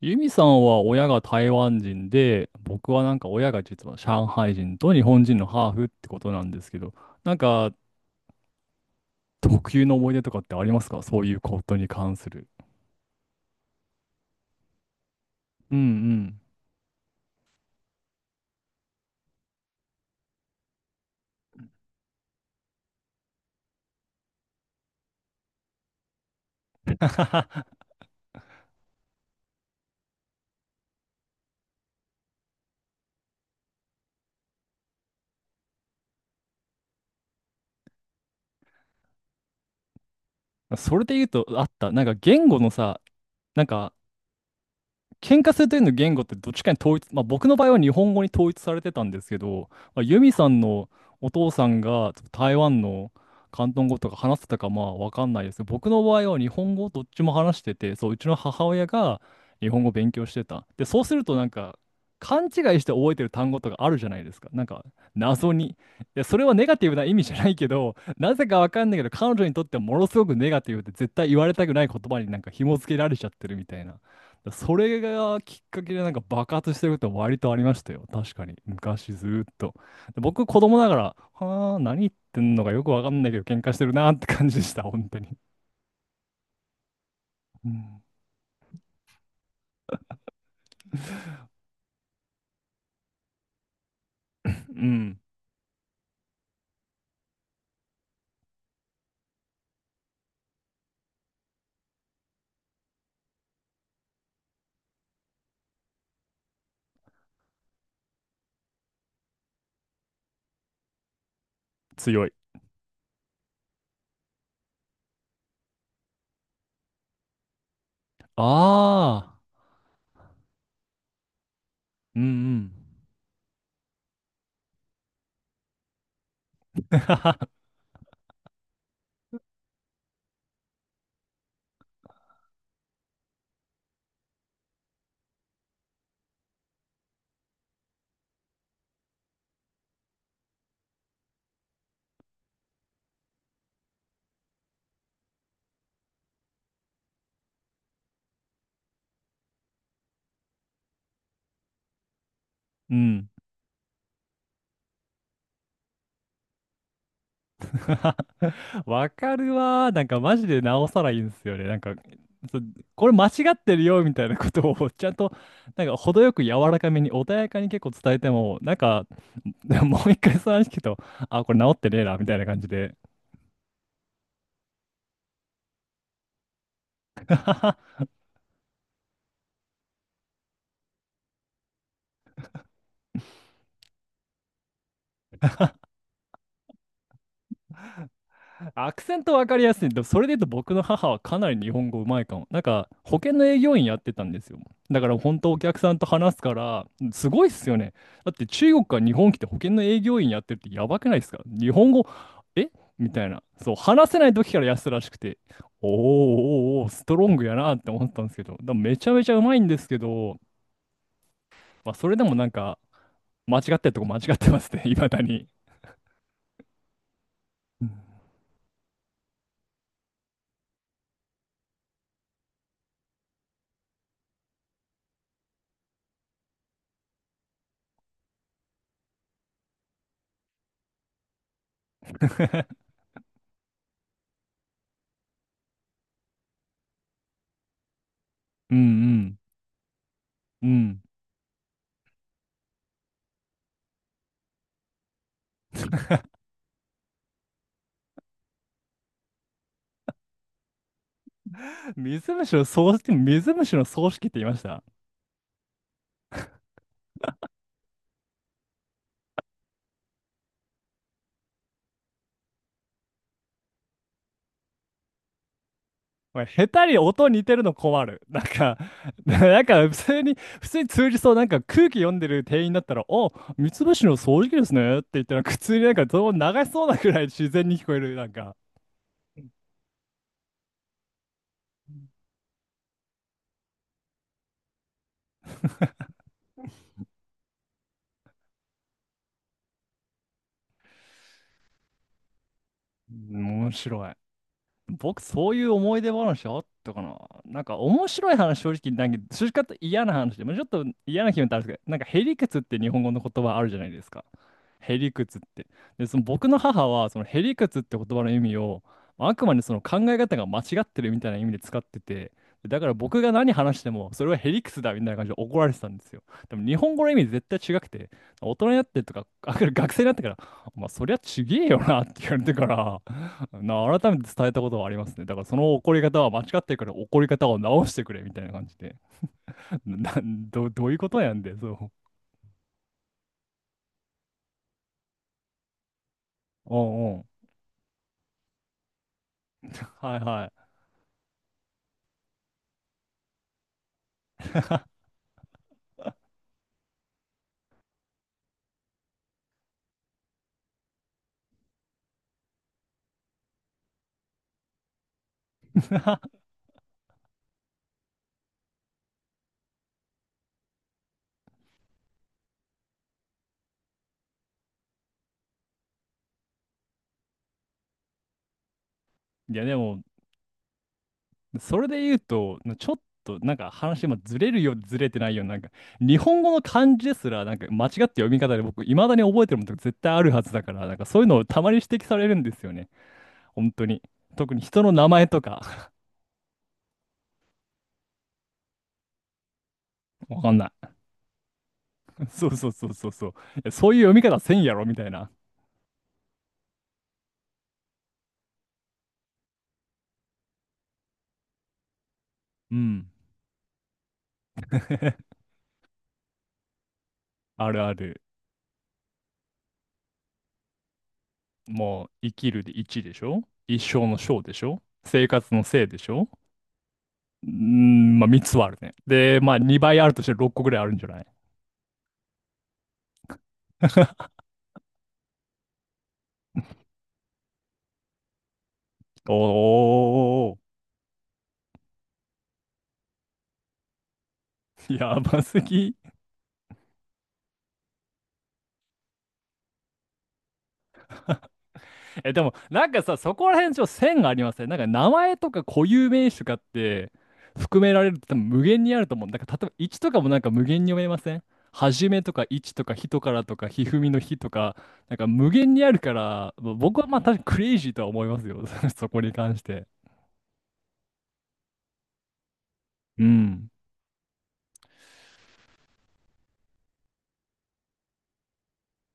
ユミさんは親が台湾人で、僕はなんか親が実は上海人と日本人のハーフってことなんですけど、なんか特有の思い出とかってありますか、そういうことに関する？うんうん。それで言うと、あった。なんか言語のさ、なんか喧嘩するというの言語ってどっちかに統一、まあ、僕の場合は日本語に統一されてたんですけど、まあ、ユミさんのお父さんが台湾の広東語とか話してたかまあわかんないです。僕の場合は日本語どっちも話してて、そう、うちの母親が日本語を勉強してた。で、そうするとなんか勘違いして覚えてる単語とかあるじゃないですか。なんか謎に。いや、それはネガティブな意味じゃないけど、なぜかわかんないけど、彼女にとってはものすごくネガティブで絶対言われたくない言葉になんか紐付けられちゃってるみたいな。だそれがきっかけでなんか爆発してるって割とありましたよ。確かに。昔ずーっと。で僕子供ながら、はあ、何言ってんのかよくわかんないけど喧嘩してるなーって感じでした。本当に。うん。うん、強い。ああ。うんうん。うん わかるわー。なんかマジで直さないんですよね。なんか、そこれ間違ってるよみたいなことを ちゃんと、なんか程よく柔らかめに穏やかに結構伝えても、なんか、もう一回その話聞くと、あ、これ直ってねえな、みたいな感じで アクセントわかりやすい。でもそれで言うと僕の母はかなり日本語うまいかも。なんか保険の営業員やってたんですよ。だから本当お客さんと話すから、すごいっすよね。だって中国から日本来て保険の営業員やってるってやばくないですか、日本語、えみたいな。そう、話せない時からやってたらしくて、おーおーおー、ストロングやなって思ったんですけど、でもめちゃめちゃうまいんですけど、まあそれでもなんか間違ってるとこ間違ってますね、いまだに。うん うんうん。うん、水虫の葬式、水虫の葬式って言いました？おい、下手に音似てるの困る。なんか、なんか普通に、普通に通じそう、なんか空気読んでる店員だったら、お、水虫の葬式ですねって言って、なんか普通になんかどうも流しそうなくらい自然に聞こえる、なんか、面白い。僕、そういう思い出話あったかな、なんか、面白い話、正直、なんか、正直言っと嫌な話で、まあ、ちょっと嫌な気分ってあるんですけど、なんか、へりくつって日本語の言葉あるじゃないですか。へりくつって。で、その僕の母は、そのへりくつって言葉の意味を、あくまでその考え方が間違ってるみたいな意味で使ってて、でだから僕が何話しても、それはへりくつだみたいな感じで怒られてたんですよ。でも日本語の意味絶対違くて、大人になってとか、あ学生になってから、お前そりゃちげえよなって言われてから、改めて伝えたことはありますね。だからその怒り方は間違ってるから怒り方を直してくれみたいな感じで。な、どういうことやんで、そう。うんうん。はいはい。いやでも、それで言うと、ちょっとなんか話もずれるよずれてないよな、なんか日本語の漢字ですら、なんか間違って読み方で僕、いまだに覚えてるものとか絶対あるはずだから、なんかそういうのをたまに指摘されるんですよね。本当に。特に人の名前とか、わかんない。そうそうそうそうそう。いやそういう読み方せんやろみたいな。うん。あるある。もう、生きるで1でしょ？一生の生でしょ？生活の生でしょ？うーん、まあ3つはあるね。で、まあ2倍あるとして6個ぐらいあるんじゃない？ おー、やばすぎ。え、でも、なんかさ、そこら辺ちょっと線がありますね。なんか名前とか固有名詞とかって含められると多分無限にあると思う。なんか例えば1とかもなんか無限に読めません？はじめとか1とか人からとかひふみのひとか、なんか無限にあるから、まあ僕はまあ確かにクレイジーとは思いますよ。そこに関して。うん。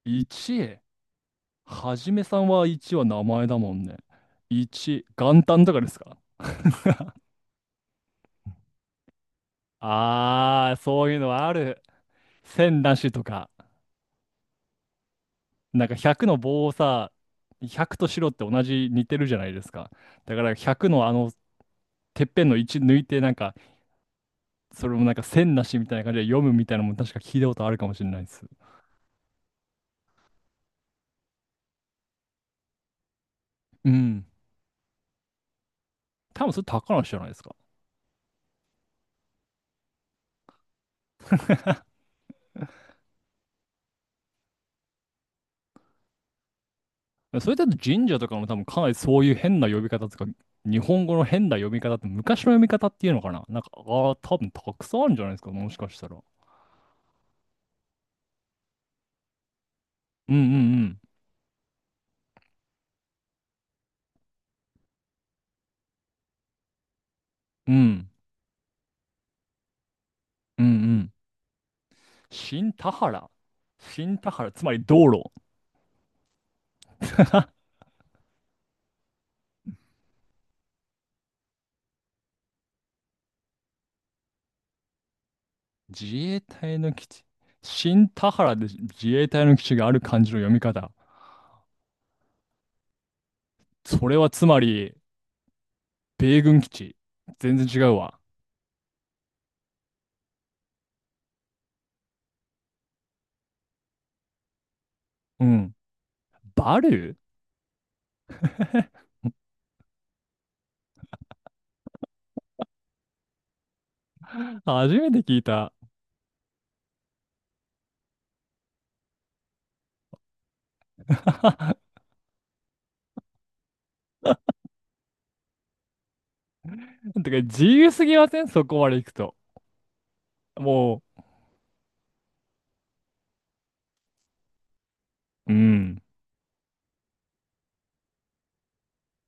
1、はじめさんは1は名前だもんね。1、元旦とかですか？ああー、そういうのはある。千なしとか。なんか100の棒をさ、100と白って同じ似てるじゃないですか。だから100のあのてっぺんの1抜いてなんか、それもなんか線なしみたいな感じで読むみたいなのも確か聞いたことあるかもしれないです。うん。多分それ高梨じゃないですか。それだと神社とかも多分かなりそういう変な呼び方とか、日本語の変な読み方って昔の読み方っていうのかな、なんか、ああ、多分たくさんあるんじゃないですか、もしかしたら。うんうんうん。うん。うんうん。新田原。新田原、つまり道路。自衛隊の基地、新田原で自衛隊の基地がある漢字の読み方。それはつまり、米軍基地。全然違うわ。うん。バルー 初めて聞いた。てか、自由すぎません？そこまで行くと。もう、うん。